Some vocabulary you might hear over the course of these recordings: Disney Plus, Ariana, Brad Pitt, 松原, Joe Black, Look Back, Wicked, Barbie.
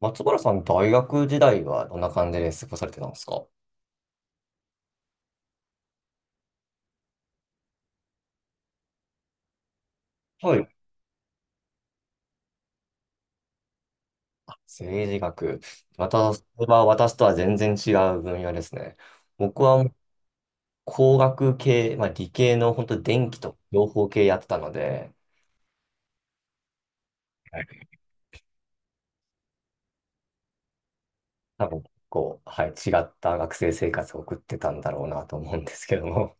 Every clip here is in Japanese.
松原さん、大学時代はどんな感じで過ごされてたんですか？はい。政治学。また、それは私とは全然違う分野ですね。僕はもう工学系、まあ、理系の本当電気と情報系やってたので、多分こう、はい、違った学生生活を送ってたんだろうなと思うんですけども。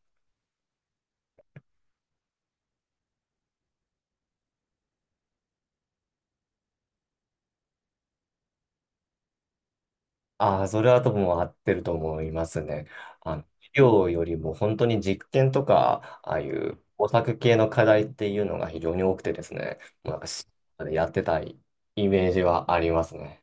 ああ、それはとも合ってると思いますね。あの、医療よりも本当に実験とか、ああいう工作系の課題っていうのが非常に多くてですね、もうなんかやってたいイメージはありますね。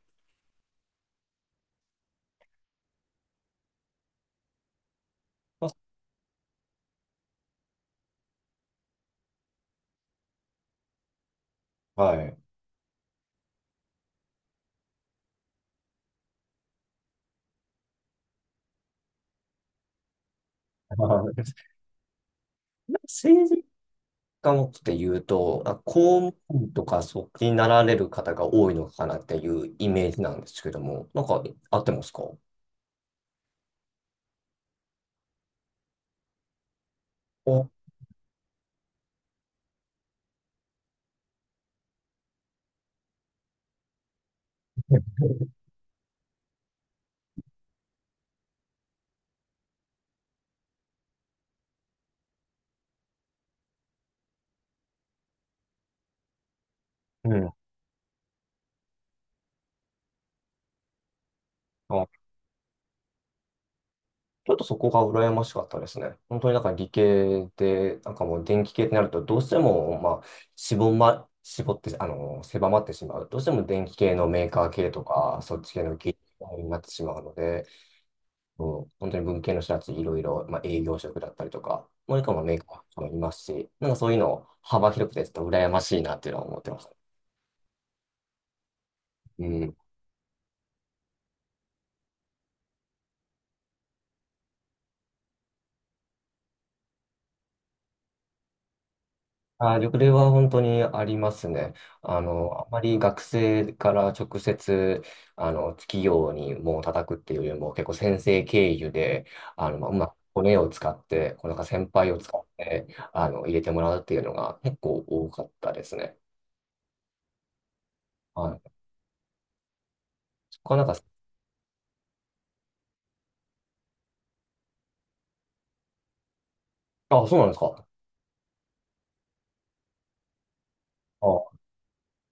はい。政治家もって言うと、公務員とかそっちになられる方が多いのかなっていうイメージなんですけども、なんか合ってますか？お、うん。あちょっとそこが羨ましかったですね。本当になんか理系で、なんかもう電気系ってなると、どうしても、まあ、絞って、あの、狭まってしまう。どうしても電気系のメーカー系とか、そっち系の技術になってしまうので、もう本当に文系の人たち、いろいろ、まあ、営業職だったりとか、もう一個もメーカーもいますし、なんかそういうの幅広くて、ちょっと羨ましいなっていうのは思ってました。うん。あー、緑例は本当にありますね。あの、あまり学生から直接、あの、企業にもう叩くっていうよりも、結構先生経由で、あの、まあ、うまく骨を使って、こうなんか先輩を使って、あの、入れてもらうっていうのが結構多かったですね。はい。そこはなんか、あ、そうなんですか。あ、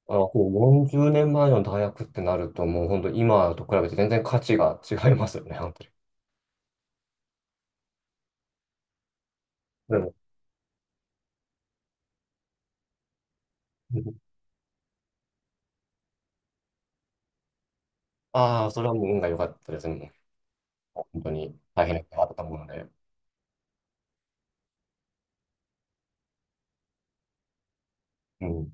あの、こう40年前の大学ってなると、もう本当今と比べて全然価値が違いますよね、本当に。でも、ああ、それはもう運が良かったですね。本当に大変なことがあったと思うので、うん。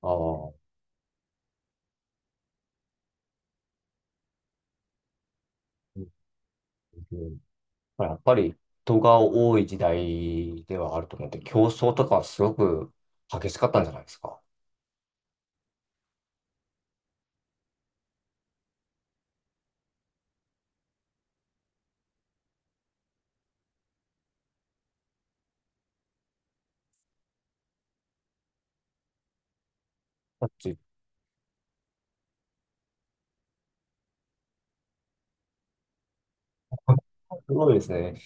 ああ、うんうん。まあやっぱり人が多い時代ではあると思って、競争とかすごく激しかったんじゃないですか？だって すごいですね。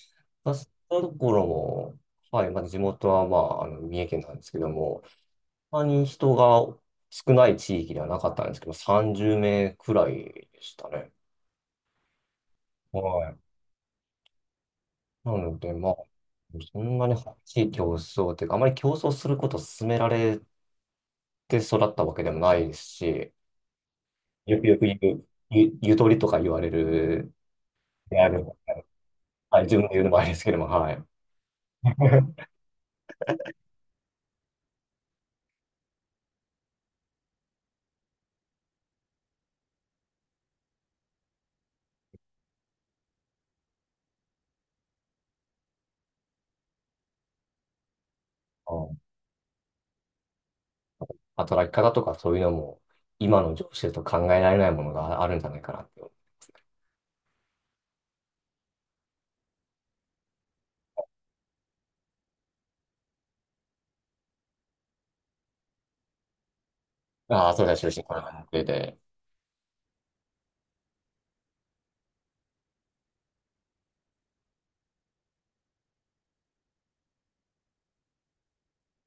私のところも、はい、まあ、地元は、まあ、あの、三重県なんですけども、あまり人が少ない地域ではなかったんですけど、30名くらいでしたね。はい。なので、まあ、そんなに激しい競争というか、あまり競争することを勧められて育ったわけでもないですし、よくよく言う、ゆとりとか言われるである。はい、自分で言うのもあれですけども、はい。うん。働き方とかそういうのも、今の上司だと考えられないものがあるんじゃないかなって。ああ、そうだ、終身こらなってて。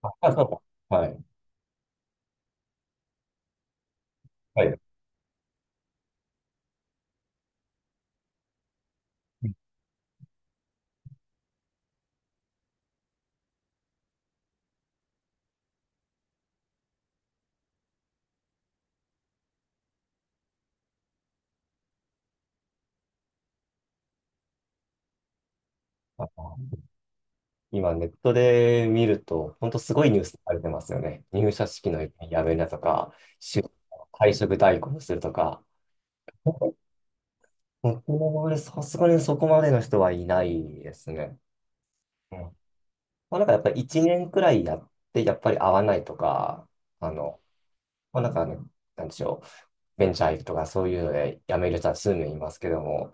あ、そうはい。はい。あの、今ネットで見ると、本当すごいニュースされてますよね。入社式のやめなとか、就退職代行するとか。僕もねさすがにそこまでの人はいないですね。うん。まあ、なんかやっぱり1年くらいやって、やっぱり合わないとか、あの、まあ、なんかあの、なんでしょう、ベンチャー行くとかそういうので辞める人は数名いますけども、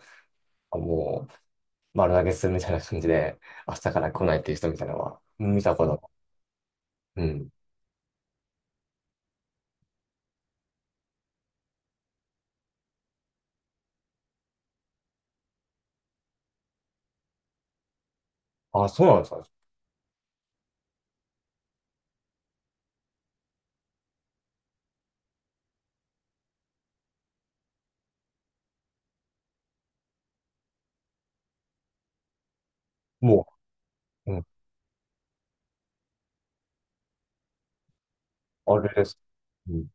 もう丸投げするみたいな感じで、明日から来ないっていう人みたいなのはうん見たことが。うん。あ、そうなんですか。もう、うん、あれです。うん。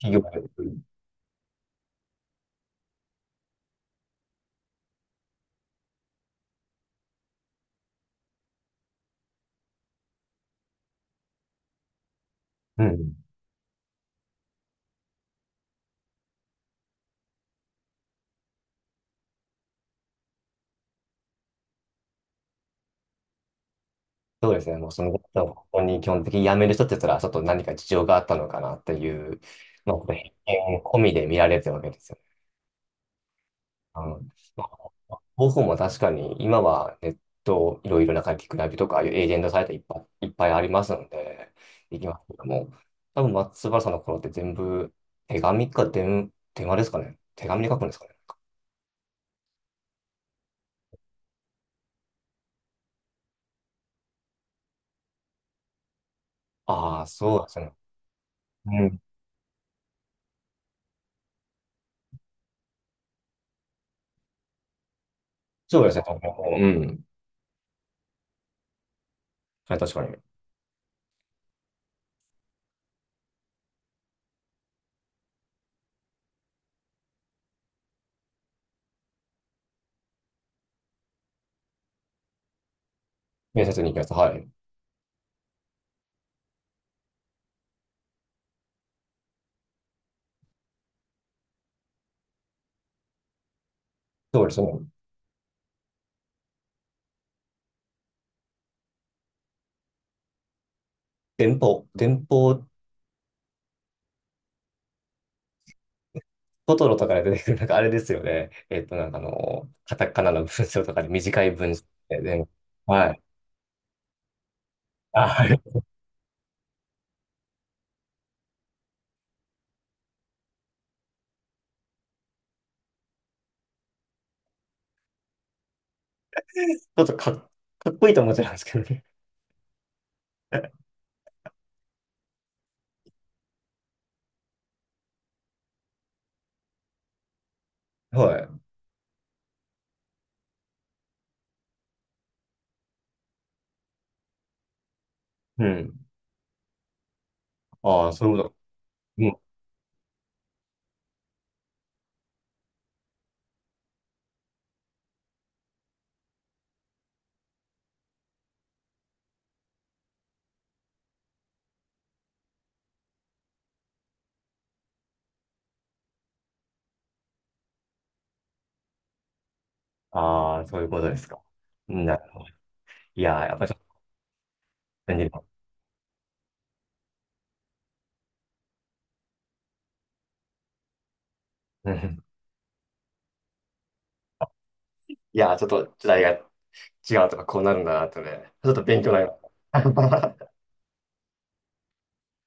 企業で。うん。うん。そうですね。もうそのことをこに基本的に辞める人って言ったら、ちょっと何か事情があったのかなっていう、まあ、これ偏見込みで見られてるわけですよね。あの、まあ、方法も確かに今はネットいろいろな書き比べとか、ああいうエージェントサイトいっぱい、いっぱいありますので、できますけども、多分松原さんの頃って全部手紙か手話ですかね。手紙で書くんですかね。ああ、そうですね。うん。そうですね。多分うん。はい、確かに。面接に行きます。はい。そうですね。電報、電報。トトロとかで出てくる、なんかあれですよね。えっと、なんかあの、カタカナの文章とかで短い文章で、ね。はい。あ、あれ、ちょっとかっ、かっこいいと思っちゃうんですけどね。はい。うん。ああ、そういうこと。うん。ああ、そういうことですか。なるほど。いやー、やっぱちょっと、便利だ。うん。いやー、ちょっと時代が違うとか、こうなるんだなとね、ちょっと勉強になりました。